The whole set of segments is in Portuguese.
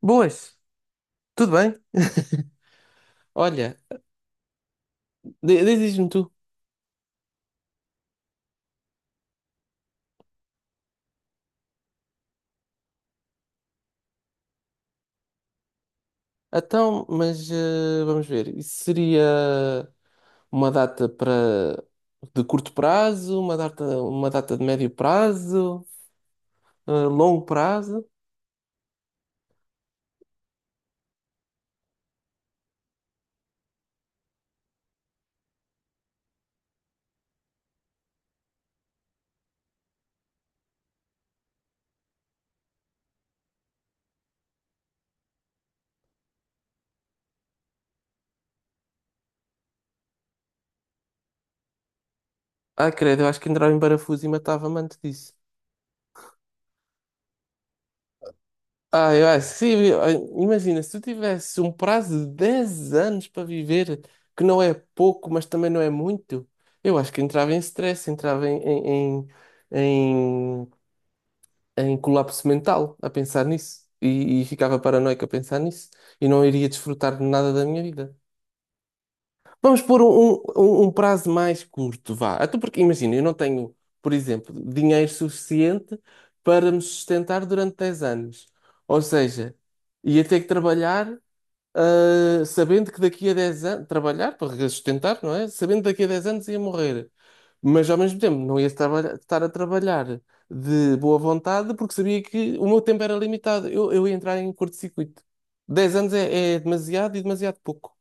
Boas, tudo bem? Olha, diz-me tu. Então, mas vamos ver. Isso seria uma data para de curto prazo, uma data de médio prazo, longo prazo. Ah, credo, eu acho que entrava em parafuso e matava-me antes disso. Ah, eu acho que sim. Imagina, se tu tivesse um prazo de 10 anos para viver, que não é pouco, mas também não é muito, eu acho que entrava em stress, entrava em em colapso mental a pensar nisso. E ficava paranoico a pensar nisso. E não iria desfrutar de nada da minha vida. Vamos pôr um prazo mais curto, vá. Até porque, imagina, eu não tenho, por exemplo, dinheiro suficiente para me sustentar durante 10 anos. Ou seja, ia ter que trabalhar sabendo que daqui a 10 anos, trabalhar para sustentar, não é? Sabendo que daqui a 10 anos ia morrer. Mas ao mesmo tempo não ia estar a trabalhar de boa vontade porque sabia que o meu tempo era limitado. Eu ia entrar em curto-circuito. 10 anos é, é demasiado e demasiado pouco.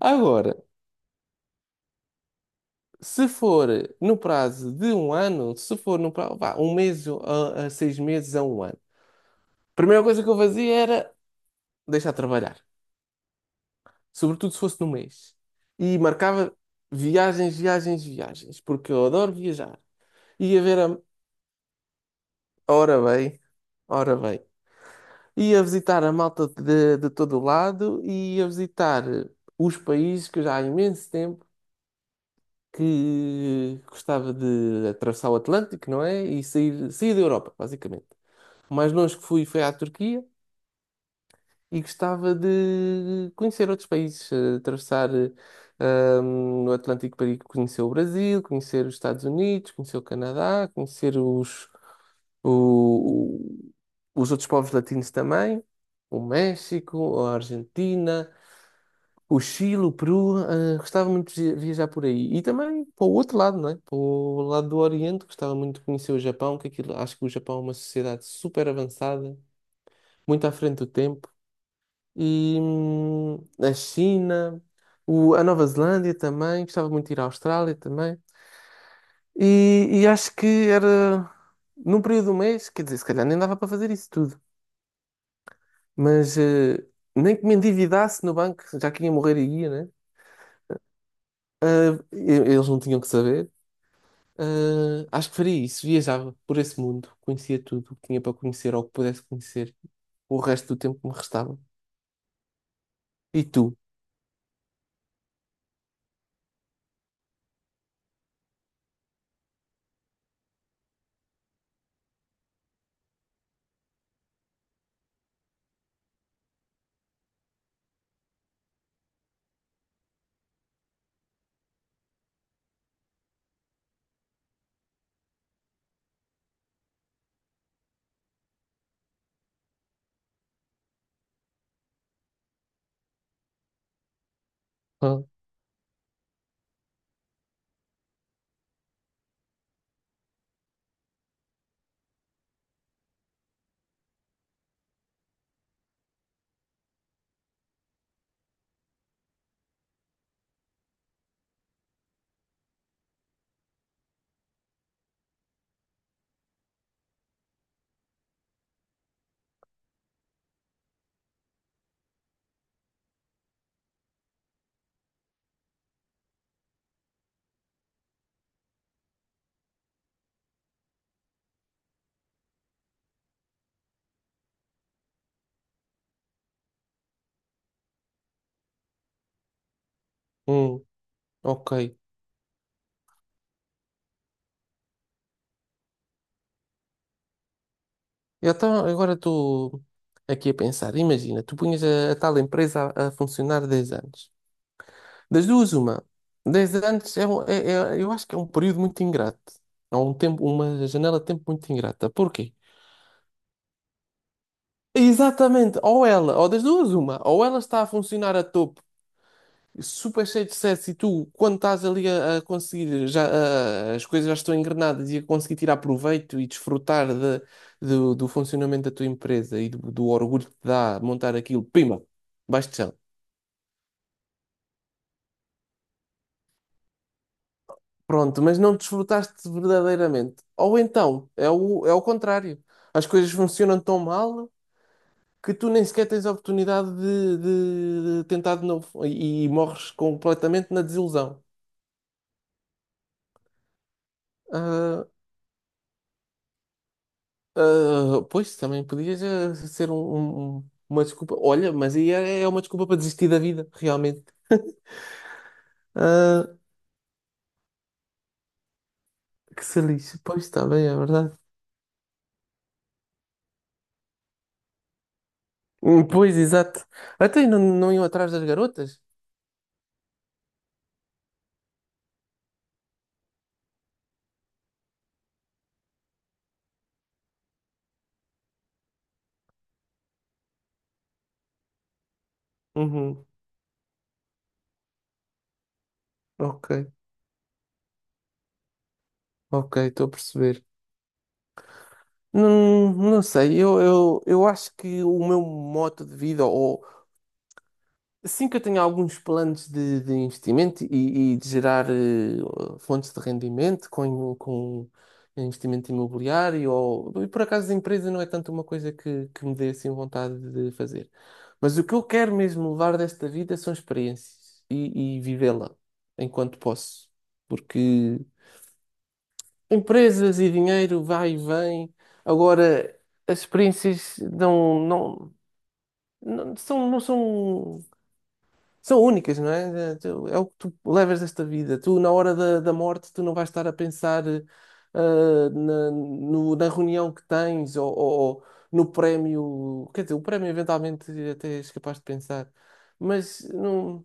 Agora, se for no prazo de um ano, se for no prazo, vá, um mês a 6 meses a um ano, a primeira coisa que eu fazia era deixar de trabalhar. Sobretudo se fosse no mês. E marcava viagens, viagens, viagens, porque eu adoro viajar. Ia ver a... Ora bem, ora bem. Ia visitar a malta de todo o lado e ia visitar os países que eu já há imenso tempo que gostava de atravessar o Atlântico, não é? E sair, sair da Europa, basicamente. O mais longe que fui foi à Turquia. E gostava de conhecer outros países, atravessar o Atlântico para ir conhecer o Brasil, conhecer os Estados Unidos, conhecer o Canadá, conhecer o- o- os outros povos latinos também, o México, a Argentina, o Chile, o Peru. Eh, gostava muito de viajar por aí. E também para o outro lado, não é? Para o lado do Oriente, gostava muito de conhecer o Japão, que aquilo, acho que o Japão é uma sociedade super avançada, muito à frente do tempo e a China, a Nova Zelândia também, gostava muito de ir à Austrália também. E acho que era num período do mês, quer dizer, se calhar nem dava para fazer isso tudo, mas nem que me endividasse no banco, já que ia morrer e ia, né? Ah, eles não tinham que saber. Ah, acho que faria isso, viajava por esse mundo, conhecia tudo o que tinha para conhecer ou que pudesse conhecer o resto do tempo que me restava. E tu? Ah, hum, ok. Eu então, agora estou aqui a pensar, imagina, tu punhas a tal empresa a funcionar 10 anos. Das duas, uma. 10 anos é, eu acho que é um período muito ingrato. É um tempo, uma janela de tempo muito ingrata. Porquê? Exatamente, ou ela, ou das duas, uma, ou ela está a funcionar a topo super cheio de sucesso e tu, quando estás ali a conseguir, já, as coisas já estão engrenadas e a conseguir tirar proveito e desfrutar do funcionamento da tua empresa e do orgulho que te dá montar aquilo, pima, baixo de chão. Pronto, mas não desfrutaste verdadeiramente. Ou então, é o contrário. As coisas funcionam tão mal que tu nem sequer tens a oportunidade de tentar de novo e morres completamente na desilusão. Ah, Ah, pois, também podia já ser uma desculpa. Olha, mas aí é, é uma desculpa para desistir da vida, realmente. Ah, que se lixe. Pois, está bem, é verdade. Pois, exato. Até não iam atrás das garotas? Uhum. Ok, ok, estou a perceber. Não, não sei, eu acho que o meu modo de vida, sim que eu tenho alguns planos de investimento e de gerar fontes de rendimento com investimento imobiliário ou e por acaso a empresa não é tanto uma coisa que me dê assim vontade de fazer. Mas o que eu quero mesmo levar desta vida são experiências e vivê-la enquanto posso. Porque empresas e dinheiro vai e vem. Agora, as experiências não são únicas, não é? É é o que tu levas desta vida. Tu, na hora da morte, tu não vais estar a pensar eh, na, no- na reunião que tens, ou ou no prémio. Quer dizer, o prémio eventualmente até és capaz de pensar, mas no,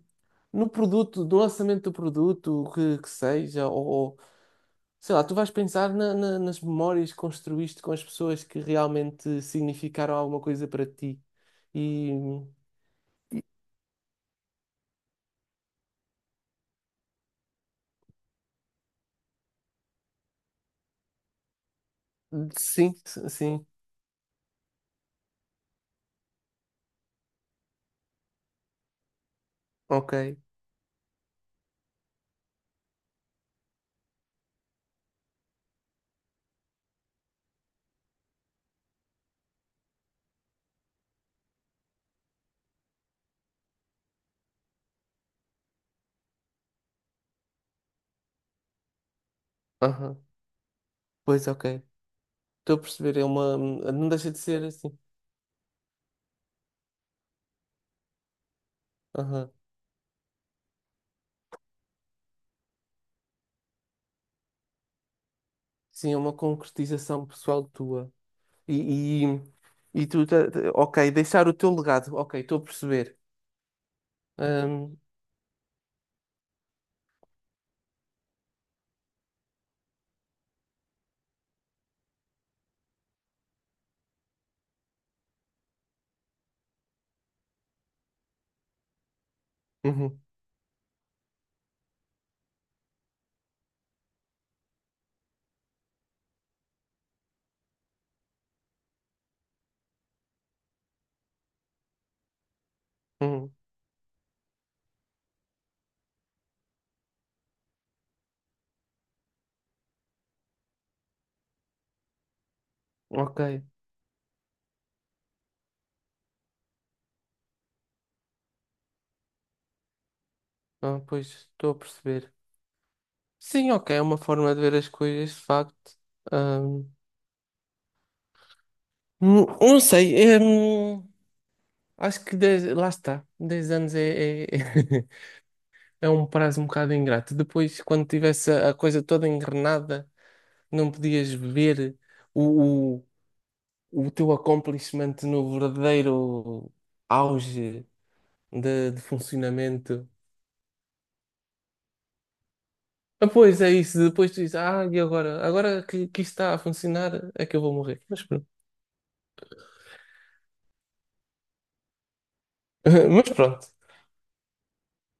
no produto, no lançamento do produto, o que seja, ou sei lá, tu vais pensar nas memórias que construíste com as pessoas que realmente significaram alguma coisa para ti. E sim, sim, ok. Aham. Pois, ok. Estou a perceber, é uma. Não deixa de ser assim. Aham. Sim, é uma concretização pessoal tua. E, e, e tu? Ok, deixar o teu legado. Ok, estou a perceber. Ahm, uhum, uhum, ok. Ah, pois, estou a perceber. Sim, ok, é uma forma de ver as coisas, de facto. Ahm, não não sei. Acho que lá está. 10 anos é, é, é um prazo um bocado ingrato. Depois, quando tivesse a coisa toda engrenada. Não podias ver o, o, o teu accomplishment no verdadeiro auge de funcionamento. Ah, pois é isso, depois tu dizes, ah, e agora? Agora que isto está a funcionar é que eu vou morrer. Mas pronto. Mas pronto.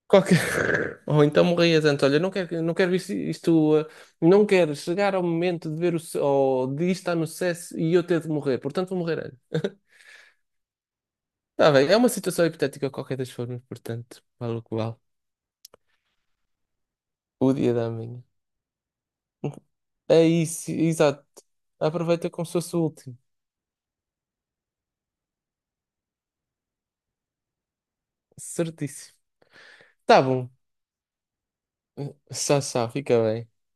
Qualquer... Ou então morrias antes. Olha, não quero isto, não quero chegar ao momento de ver ou de isto estar no sucesso e eu ter de morrer. Portanto, vou morrer antes. Está bem, é uma situação hipotética de qualquer das formas, portanto, vale o que vale. O dia da manhã. É isso, exato. Aproveita como se fosse o último. Certíssimo. Tá bom. Tchau, tchau. Fica bem.